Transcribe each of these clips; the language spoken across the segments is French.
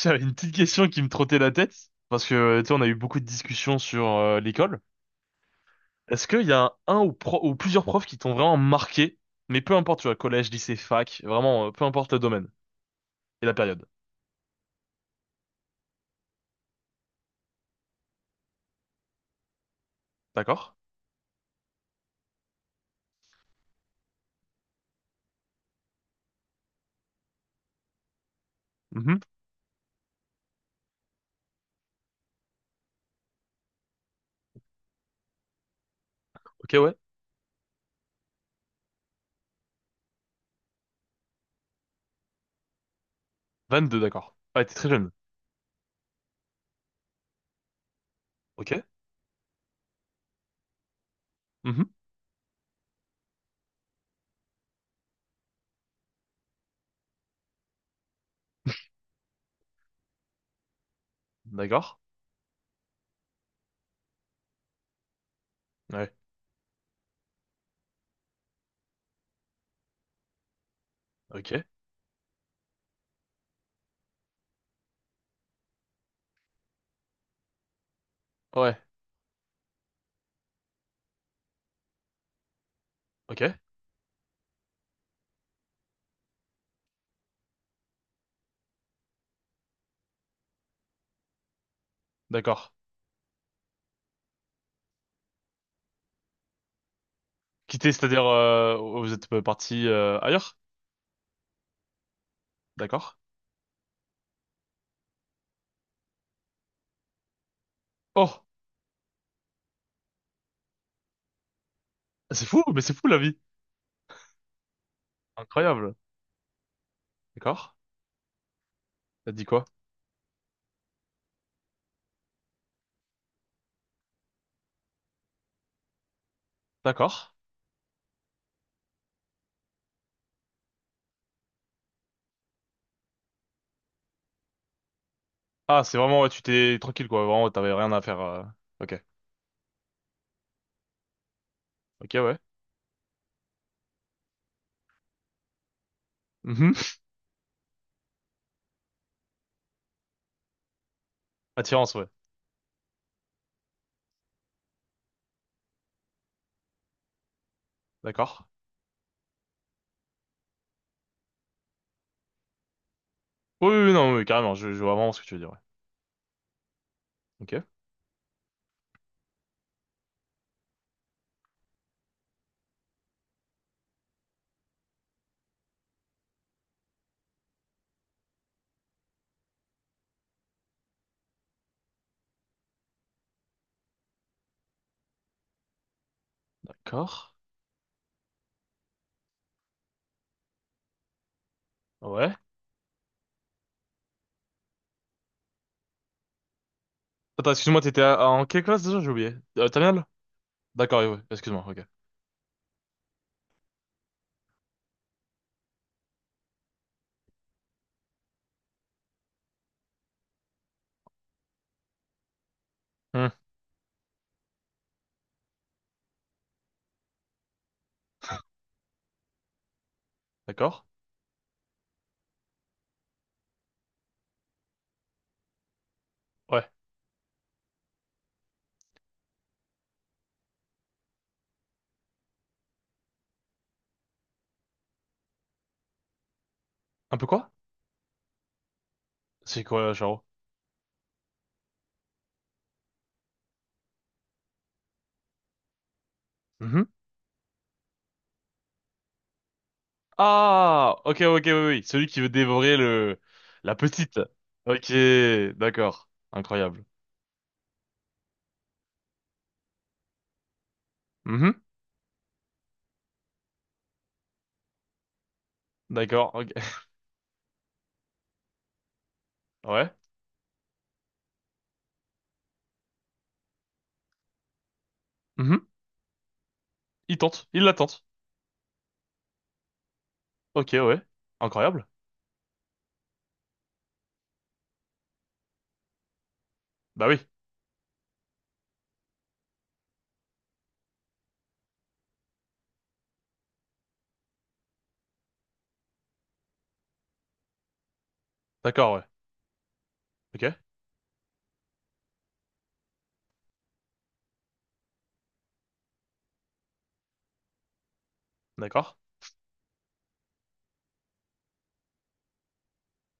J'avais une petite question qui me trottait la tête, parce que, tu sais, on a eu beaucoup de discussions sur l'école. Est-ce qu'il y a un ou, ou plusieurs profs qui t'ont vraiment marqué, mais peu importe, tu vois, collège, lycée, fac, vraiment, peu importe le domaine et la période. D'accord? Mhm. Ok, ouais. 22, d'accord. Ouais, t'es très jeune. Ok. Mhm. D'accord. Ouais. Ok. Ouais. Ok. D'accord. Quitter, c'est-à-dire, vous êtes parti ailleurs? D'accord. Oh. Ah, c'est fou, mais c'est fou la vie. Incroyable. D'accord. T'as dit quoi? D'accord. Ah, c'est vraiment, ouais, tu t'es tranquille, quoi. Vraiment, t'avais rien à faire. Ok. Ok, ouais. Mhm. Attirance, ouais. D'accord. Oui, oui, oui, non, oui, carrément, je vois vraiment ce que tu veux dire, ouais. Ok. D'accord. Ouais. Attends, excuse-moi, en quelle classe déjà? J'ai oublié. Terminale? D'accord, oui, oui, excuse-moi, ok. Hmm. D'accord. Ouais. Un peu quoi? C'est quoi, Charo? Mhm. Ah! Ok, ok, oui, oui. Celui qui veut dévorer le... la petite. Ok, d'accord. Incroyable. Mhm. D'accord, ok. Ouais. Mhm. Il tente, il la tente. Ok, ouais. Incroyable. Bah oui. D'accord, ouais. Ok, d'accord.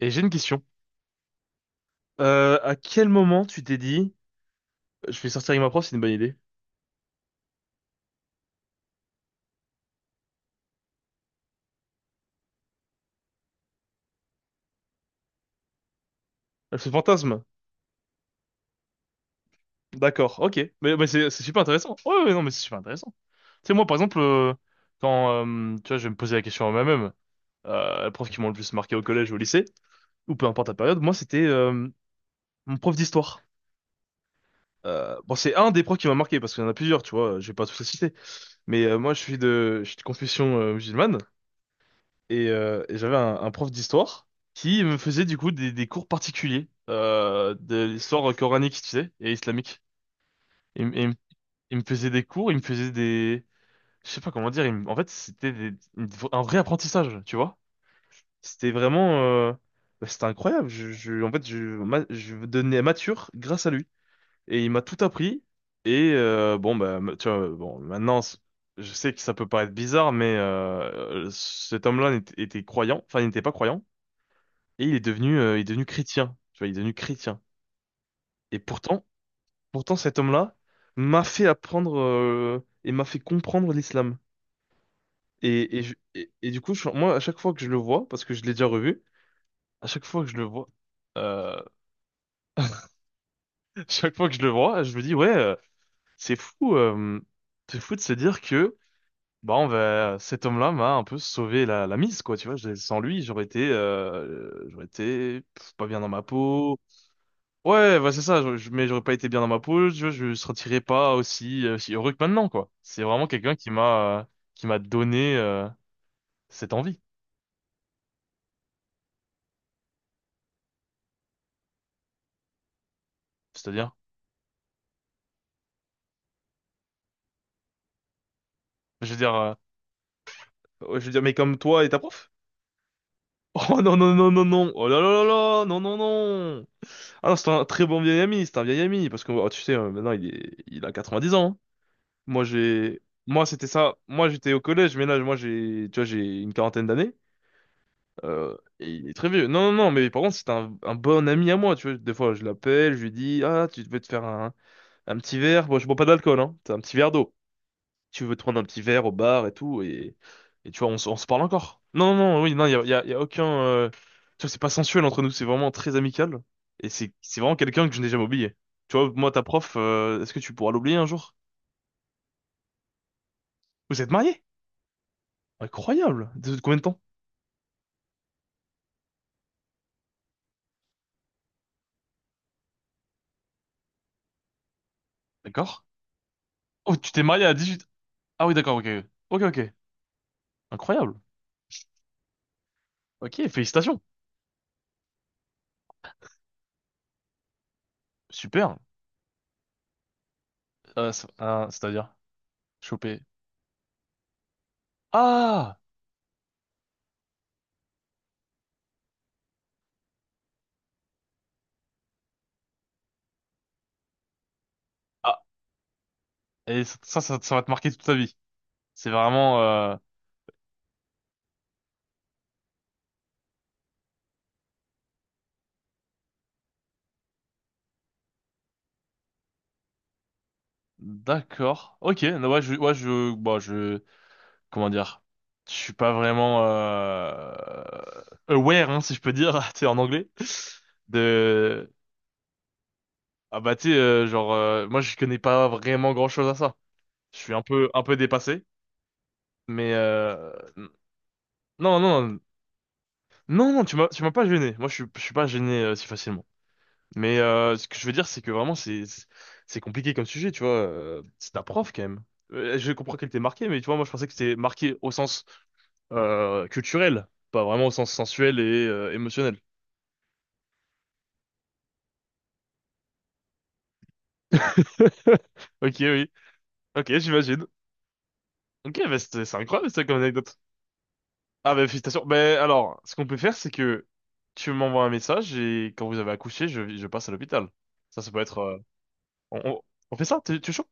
Et j'ai une question. À quel moment tu t'es dit, je vais sortir avec ma prof, c'est une bonne idée? Elle fait fantasme. D'accord, ok. Mais c'est super intéressant. Ouais, ouais, non, mais c'est super intéressant. Tu sais, moi, par exemple, quand, tu vois, je vais me poser la question à moi-même, les profs qui m'ont le plus marqué au collège ou au lycée, ou peu importe la période, moi, c'était mon prof d'histoire. Bon, c'est un des profs qui m'a marqué, parce qu'il y en a plusieurs, tu vois, je vais pas tous les citer. Mais moi, je suis de confession musulmane. Et j'avais un prof d'histoire qui me faisait du coup des cours particuliers de l'histoire coranique, tu sais, et islamique. Il, me il me- il me faisait des cours, il me faisait des... Je sais pas comment dire, il me- en fait c'était des- une- un vrai apprentissage, tu vois. C'était vraiment... bah, c'était incroyable. Je- en fait, je, ma- Je donnais mature grâce à lui. Et il m'a tout appris. Et bon, bah, tu vois, bon, je sais que ça peut paraître bizarre, mais était croyant, enfin, il n'était pas croyant. Et il est devenu chrétien. Tu vois, il est devenu chrétien. Et pourtant, pourtant cet homme-là m'a fait apprendre et m'a fait comprendre l'islam. Et du coup, moi, à chaque fois que je le vois, parce que je l'ai déjà revu, à chaque fois que je le vois, euh, chaque fois que je le vois, je me dis, ouais, c'est fou, euh, c'est fou de se dire que, bah, cet homme-là m'a un peu sauvé la mise, quoi. Tu vois, sans lui, j'aurais été pff, pas bien dans ma peau. Ouais, bah c'est ça, mais j'aurais pas été bien dans ma peau, je sentirais pas aussi, si heureux que maintenant, quoi. C'est vraiment quelqu'un qui m'a donné cette envie. C'est-à-dire, je veux dire, ouais, je veux dire, mais comme toi et ta prof? Oh non, non, non, non, non, oh là là là là, non, non, non. Ah non, c'est un très bon vieil ami, c'est un vieil ami, parce que oh, tu sais, maintenant il a 90 ans, hein. Moi j'ai, Moi c'était ça, moi j'étais au collège, mais là, moi j'ai, tu vois, j'ai une quarantaine d'années. Et il est très vieux. Non, non, non, mais par contre, c'est un bon ami à moi, tu vois. Des fois, je l'appelle, je lui dis, ah, tu veux te faire un petit verre? Bon, je bois pas d'alcool, hein. T'as un petit verre d'eau. Tu veux te prendre un petit verre au bar et tout, et tu vois, on se parle encore. Non, non, non, oui, non, il y a, y a- y a aucun. Tu vois, c'est pas sensuel entre nous, c'est vraiment très amical. Et c'est vraiment quelqu'un que je n'ai jamais oublié. Tu vois, moi, ta prof, est-ce que tu pourras l'oublier un jour? Vous êtes mariés? Incroyable! De combien de temps? D'accord? Oh, tu t'es marié à 18. Ah oui, d'accord, ok. Ok, ok, ok. Incroyable. Ok, félicitations. Super. Ah, c'est-à-dire choper. Ah! Ah, Ça va te marquer toute ta vie. C'est vraiment... D'accord. Ok, non, ouais, ouais, bon, je, comment dire, je suis pas vraiment aware, hein, si je peux dire, tu sais, en anglais, de, ah bah tu sais, genre, moi je connais pas vraiment grand-chose à ça. Je suis un peu dépassé, mais non, non, non, non, non, tu m'as pas gêné. Moi, je suis pas gêné si facilement. Mais ce que je veux dire, c'est que vraiment, c'est compliqué comme sujet, tu vois. C'est un prof, quand même. Je comprends qu'elle t'ait marqué, mais tu vois, moi, je pensais que c'était marqué au sens culturel, pas vraiment au sens sensuel et émotionnel. Ok, oui. Ok, j'imagine. Ok, bah, c'est incroyable, ça, comme anecdote. Ah, bah, félicitations. Bah, alors, ce qu'on peut faire, c'est que tu m'envoies un message et quand vous avez accouché, je passe à l'hôpital. Ça peut être... on, on, on fait ça? Tu es chaud?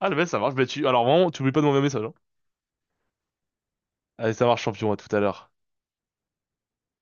Ah, le mec, ça marche. Ben tu, alors, vraiment, tu oublies pas de m'envoyer un message, hein. Allez, ça marche, champion, à tout à l'heure.